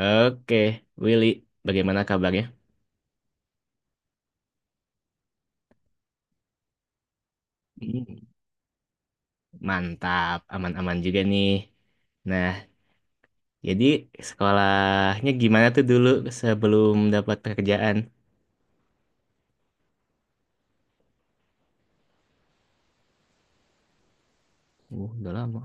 Oke, Willy, bagaimana kabarnya? Hmm, Mantap, aman-aman juga nih. Nah, jadi sekolahnya gimana tuh dulu sebelum dapat pekerjaan? Oh, udah lama.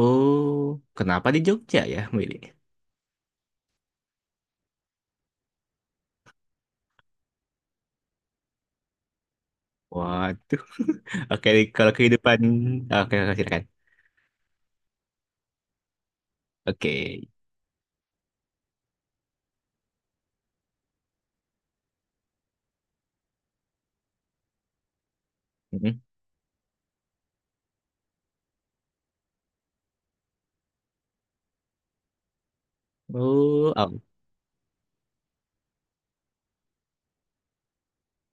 Oh, kenapa di Jogja ya, Willy? Waduh. Oke, kalau kehidupan... Oke, oke, silakan. Oke. Mm. Oh, oh.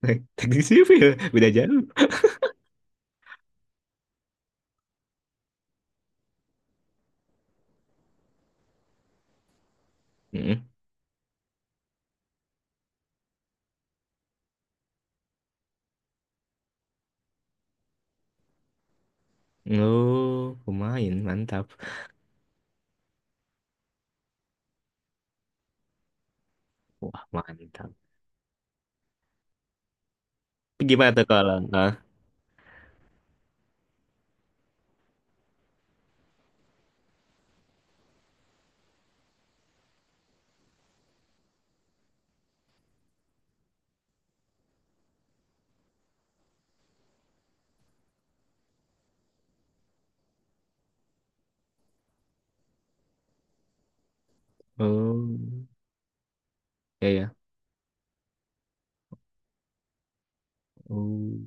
Teknik sipil, beda jauh. Mm. Oh, pemain, mantap. Wah, mantap. Gimana tuh kalau... Hah? Oh. Ya, ya. Oh,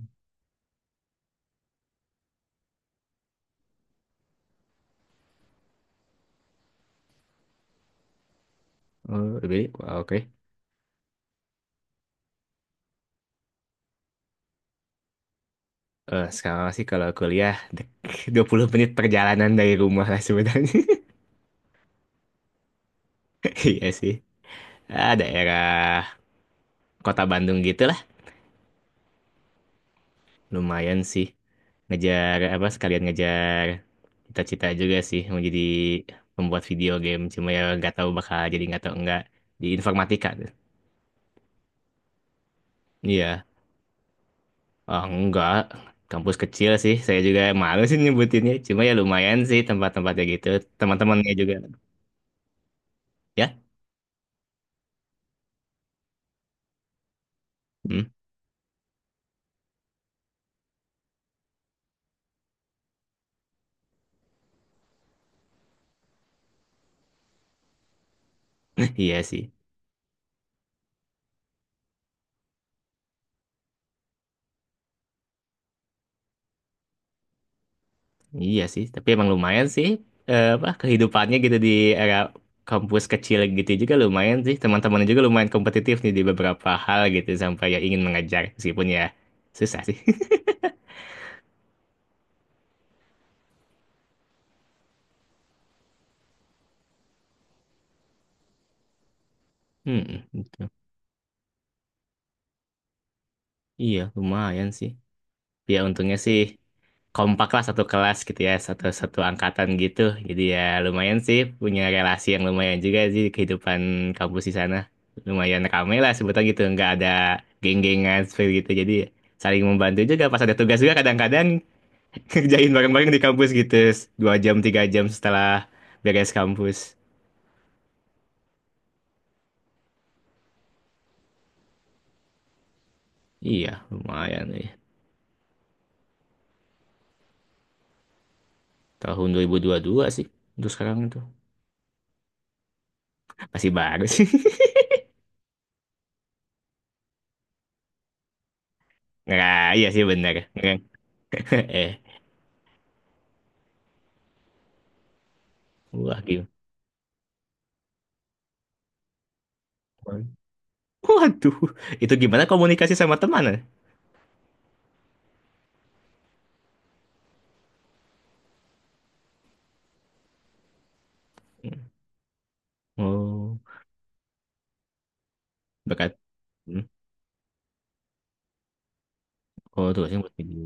oh, lebih. Wah, oke. Eh, sekarang sih kalau kuliah 20 menit perjalanan dari rumah lah sebenarnya. Iya sih. Ah, daerah kota Bandung gitu lah. Lumayan sih. Ngejar apa sekalian ngejar cita-cita juga sih mau jadi pembuat video game. Cuma ya nggak tahu bakal jadi, nggak tahu enggak, di informatika tuh. Iya. Oh, enggak. Kampus kecil sih. Saya juga malu sih nyebutinnya. Cuma ya lumayan sih tempat-tempatnya gitu. Teman-temannya juga. Ya. Hmm? Iya sih, iya sih. Tapi emang lumayan sih, eh, apa kehidupannya gitu di era kampus kecil gitu juga lumayan sih. Teman-temannya juga lumayan kompetitif nih di beberapa hal gitu sampai ya ingin mengejar meskipun ya susah sih. Hmm, gitu. Iya, lumayan sih. Ya untungnya sih kompak lah satu kelas gitu ya, satu satu angkatan gitu, jadi ya lumayan sih punya relasi yang lumayan juga sih di kehidupan kampus di sana, lumayan ramai lah sebutan gitu, nggak ada geng-gengan seperti gitu, jadi saling membantu juga pas ada tugas juga kadang-kadang kerjain bareng-bareng di kampus gitu, 2 jam 3 jam setelah beres kampus. Iya lumayan nih. Tahun 2022 sih untuk sekarang itu, masih baru sih. Nggak, iya sih bener. Eh, wah gimana. Waduh, itu gimana komunikasi sama teman, ya? Oh, berkat. Hmm. Oh, tugasnya buat video.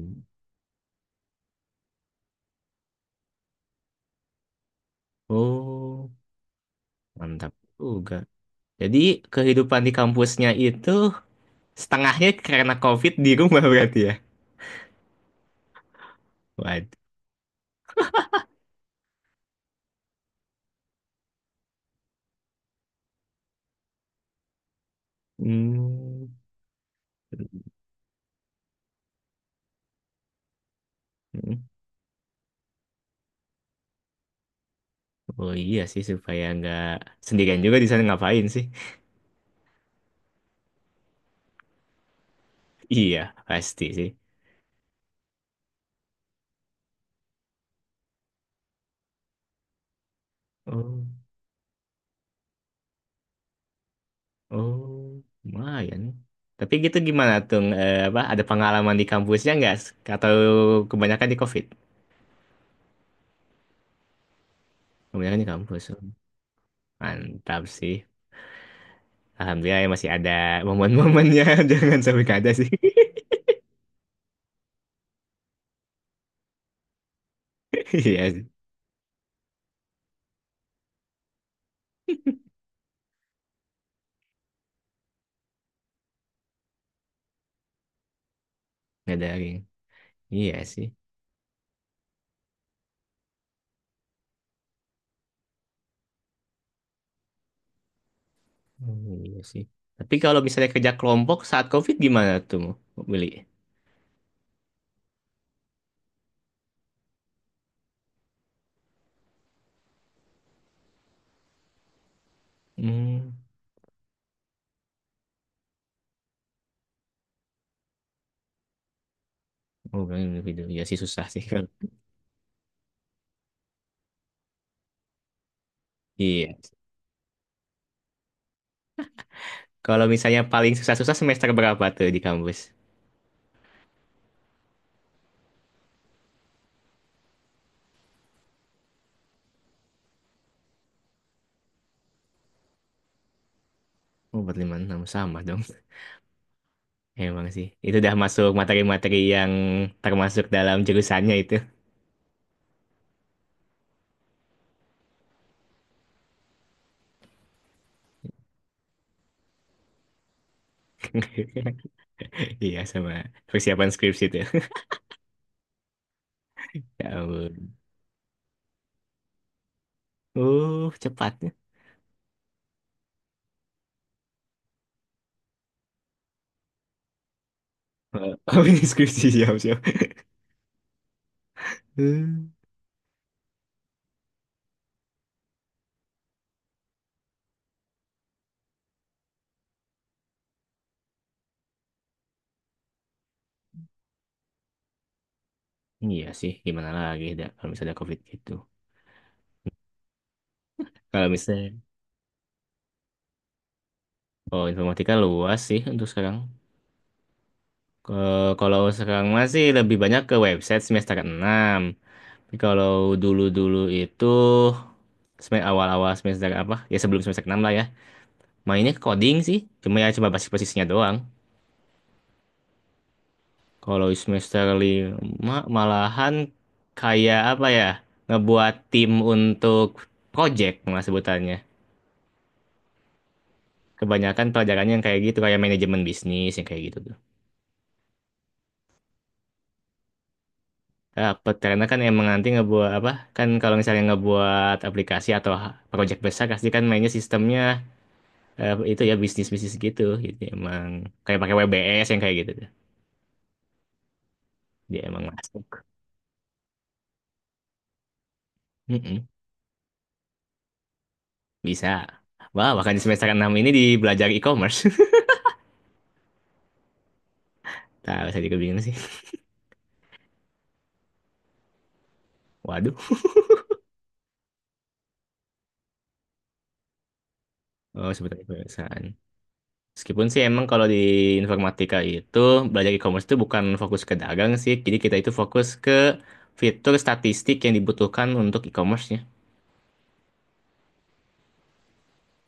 Oh, mantap juga. Jadi kehidupan di kampusnya itu setengahnya karena COVID di rumah berarti ya? Waduh. Hmm. Hmm. Oh iya sih, supaya nggak sendirian juga di sana, ngapain sih? Iya pasti sih. Oh, oh, lumayan. Tapi gitu gimana tuh, eh, apa ada pengalaman di kampusnya nggak, atau kebanyakan di COVID? Kebanyakan di kampus. Mantap sih. Alhamdulillah ya masih ada momen-momennya. Jangan sampai nggak ada sih. Iya sih. Nggak ada lagi. Iya sih. Hmm, iya sih. Tapi kalau misalnya kerja kelompok saat COVID gimana tuh, Beli? Hmm. Oh, bener video. Iya sih susah sih. Iya. Kalau misalnya paling susah-susah semester berapa tuh di kampus? Oh, 4, 5, 6 sama dong. Emang sih. Itu udah masuk materi-materi yang termasuk dalam jurusannya itu. Iya, sama persiapan skripsi itu. Ya ampun. Cepatnya. Oh, ini skripsi siap-siap. Uh, Iya sih, gimana lagi dah, kalau misalnya ada COVID gitu. Kalau misalnya, oh, informatika luas sih untuk sekarang. Kalau sekarang masih lebih banyak ke website semester 6. Tapi kalau dulu-dulu itu awal-awal semester apa? Ya sebelum semester 6 lah ya. Mainnya ke coding sih. Cuma ya coba basis-basisnya doang. Kalau semester 5 malahan kayak apa ya? Ngebuat tim untuk project mas sebutannya. Kebanyakan pelajarannya yang kayak gitu, kayak manajemen bisnis yang kayak gitu tuh. Dapet, karena kan emang nanti ngebuat apa? Kan kalau misalnya ngebuat aplikasi atau project besar pasti kan mainnya sistemnya, eh, itu ya bisnis-bisnis gitu. Jadi emang kayak pakai WBS yang kayak gitu tuh. Dia emang masuk. Mm-mm, bisa. Wah, bahkan di semester 6 ini di belajar e-commerce. Tahu saya juga bingung sih. Waduh. Oh, sebetulnya kebiasaan. Meskipun sih emang kalau di informatika itu belajar e-commerce itu bukan fokus ke dagang sih. Jadi kita itu fokus ke fitur statistik yang dibutuhkan untuk e-commerce-nya.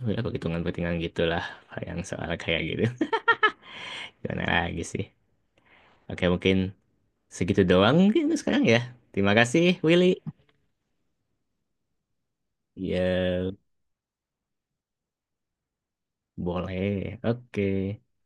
Ya, perhitungan-perhitungan gitulah yang soal kayak gitu. Gimana lagi sih? Oke, mungkin segitu doang mungkin sekarang ya. Terima kasih, Willy. Ya, boleh. Oke.